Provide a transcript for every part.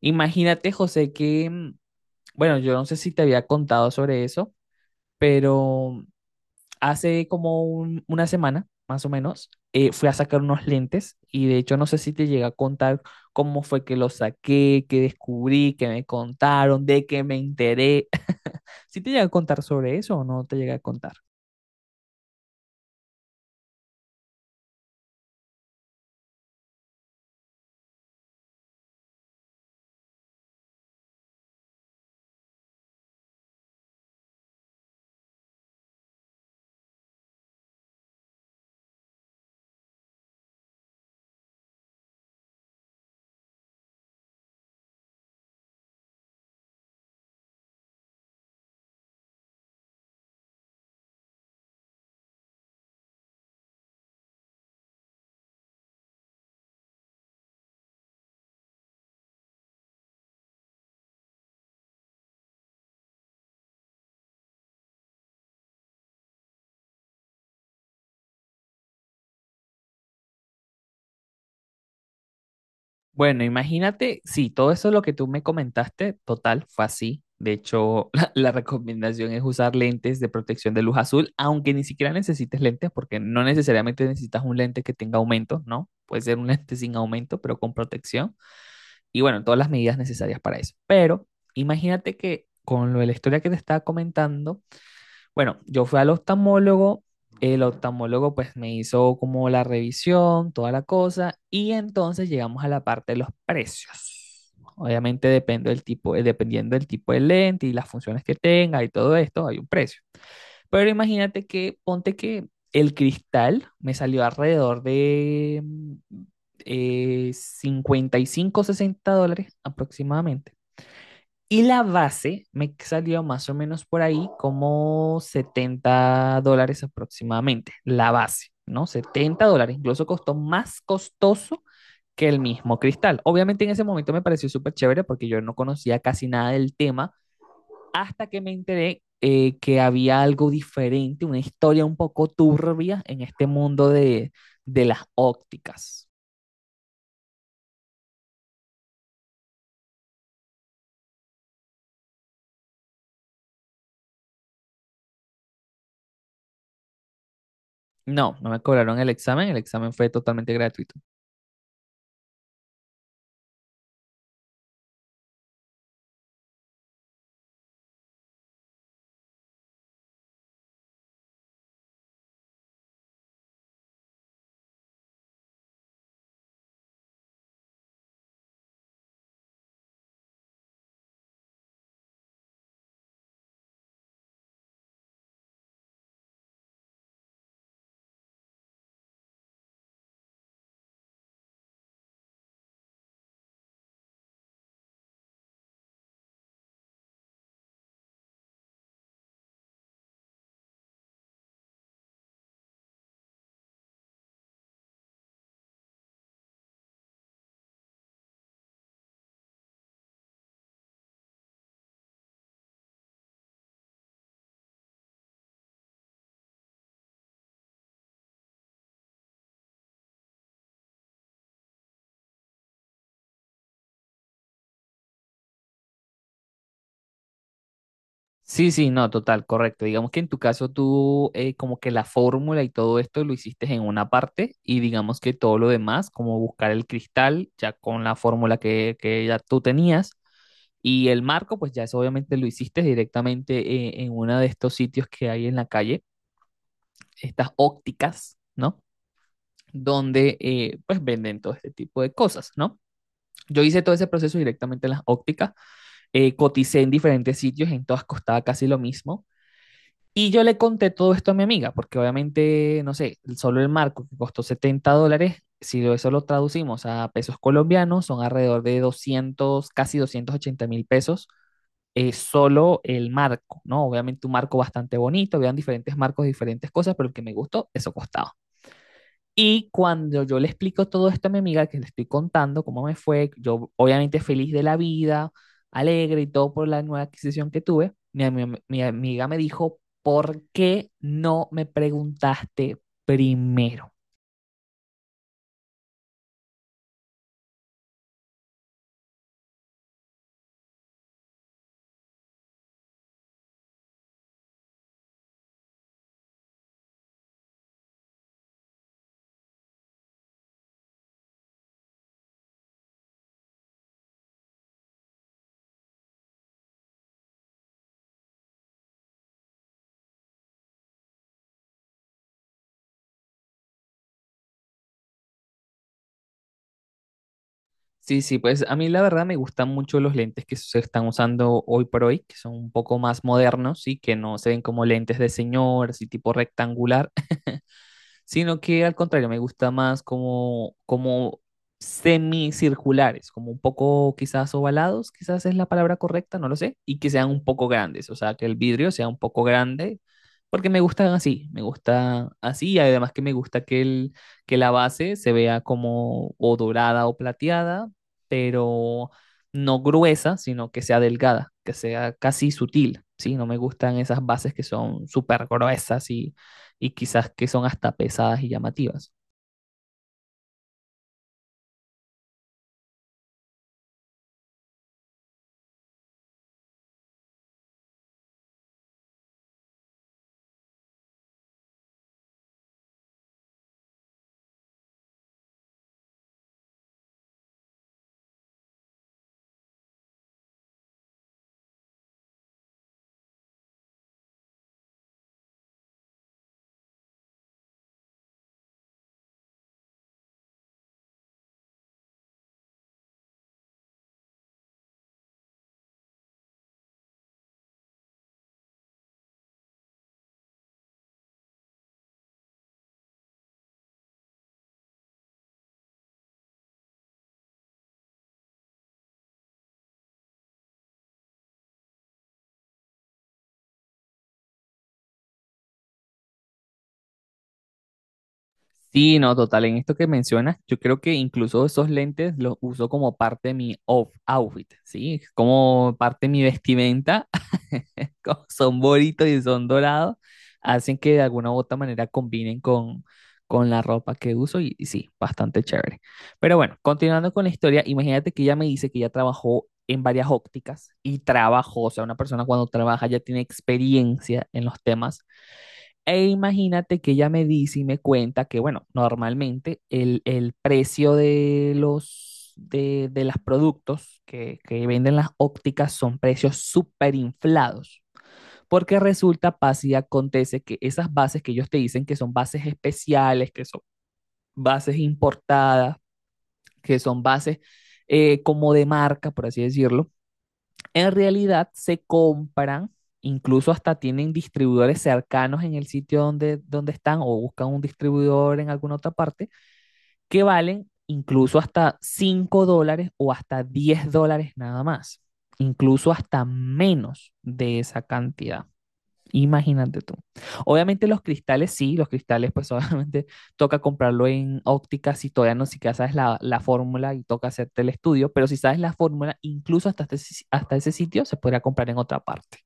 Imagínate, José, que bueno, yo no sé si te había contado sobre eso, pero hace como una semana, más o menos, fui a sacar unos lentes y de hecho no sé si te llegué a contar cómo fue que los saqué, qué descubrí, qué me contaron, de qué me enteré. ¿Sí te llegué a contar sobre eso o no te llegué a contar? Bueno, imagínate, sí, todo eso lo que tú me comentaste, total, fue así. De hecho, la recomendación es usar lentes de protección de luz azul, aunque ni siquiera necesites lentes, porque no necesariamente necesitas un lente que tenga aumento, ¿no? Puede ser un lente sin aumento, pero con protección. Y bueno, todas las medidas necesarias para eso. Pero imagínate que con lo de la historia que te estaba comentando, bueno, yo fui al oftalmólogo, el oftalmólogo pues me hizo como la revisión, toda la cosa, y entonces llegamos a la parte de los precios. Obviamente depende del tipo, dependiendo del tipo de lente y las funciones que tenga y todo esto, hay un precio. Pero imagínate que, ponte que el cristal me salió alrededor de 55 o 60 dólares aproximadamente. Y la base me salió más o menos por ahí como 70 dólares aproximadamente, la base, ¿no? 70 dólares, incluso costó más costoso que el mismo cristal. Obviamente en ese momento me pareció súper chévere porque yo no conocía casi nada del tema hasta que me enteré que había algo diferente, una historia un poco turbia en este mundo de las ópticas. No, no me cobraron el examen fue totalmente gratuito. Sí, sí, no, total, correcto. Digamos que en tu caso tú como que la fórmula y todo esto lo hiciste en una parte y digamos que todo lo demás, como buscar el cristal ya con la fórmula que ya tú tenías y el marco, pues ya eso obviamente lo hiciste directamente en uno de estos sitios que hay en la calle, estas ópticas, ¿no? Donde pues venden todo este tipo de cosas, ¿no? Yo hice todo ese proceso directamente en las ópticas, coticé en diferentes sitios, en todas costaba casi lo mismo. Y yo le conté todo esto a mi amiga, porque obviamente, no sé, solo el marco que costó 70 dólares, si lo- eso lo traducimos a pesos colombianos, son alrededor de 200 casi 280.000 pesos, solo el marco, ¿no? Obviamente un marco bastante bonito, habían diferentes marcos, diferentes cosas, pero el que me gustó, eso costaba. Y cuando yo le explico todo esto a mi amiga, que le estoy contando cómo me fue, yo obviamente feliz de la vida, alegre y todo por la nueva adquisición que tuve, mi amiga me dijo, ¿por qué no me preguntaste primero? Sí, sí, pues a mí la verdad me gustan mucho los lentes que se están usando hoy por hoy, que son un poco más modernos y que no se ven como lentes de señor, así tipo rectangular, sino que al contrario, me gusta más como, como semicirculares, como un poco quizás ovalados, quizás es la palabra correcta, no lo sé, y que sean un poco grandes, o sea, que el vidrio sea un poco grande, porque me gustan así, me gusta así, y además que me gusta que, el, que la base se vea como o dorada o plateada, pero no gruesa, sino que sea delgada, que sea casi sutil, ¿sí? No me gustan esas bases que son súper gruesas y quizás que son hasta pesadas y llamativas. Sí, no, total, en esto que mencionas, yo creo que incluso esos lentes los uso como parte de mi outfit, ¿sí? Como parte de mi vestimenta, como son bonitos y son dorados, hacen que de alguna u otra manera combinen con la ropa que uso y sí, bastante chévere. Pero bueno, continuando con la historia, imagínate que ella me dice que ya trabajó en varias ópticas y trabajó, o sea, una persona cuando trabaja ya tiene experiencia en los temas. E imagínate que ella me dice y me cuenta que, bueno, normalmente el precio de los productos que venden las ópticas son precios súper inflados, porque resulta, pasa y acontece que esas bases que ellos te dicen que son bases especiales, que son bases importadas, que son bases como de marca, por así decirlo, en realidad se compran, incluso hasta tienen distribuidores cercanos en el sitio donde están o buscan un distribuidor en alguna otra parte, que valen incluso hasta 5 dólares o hasta 10 dólares nada más, incluso hasta menos de esa cantidad. Imagínate tú. Obviamente los cristales, sí, los cristales, pues obviamente toca comprarlo en óptica si todavía no siquiera sabes la fórmula y toca hacerte el estudio, pero si sabes la fórmula, incluso hasta, este si- hasta ese sitio se podría comprar en otra parte.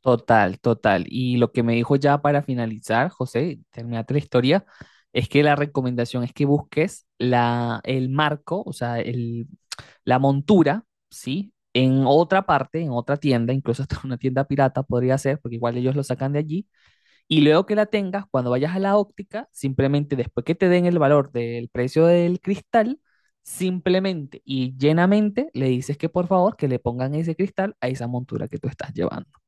Total, total. Y lo que me dijo ya para finalizar, José, terminate la historia, es que la recomendación es que busques la, el marco, o sea, el, la montura, ¿sí? En otra parte, en otra tienda, incluso hasta una tienda pirata podría ser, porque igual ellos lo sacan de allí, y luego que la tengas, cuando vayas a la óptica, simplemente después que te den el valor del precio del cristal, simplemente y llenamente le dices que por favor que le pongan ese cristal a esa montura que tú estás llevando.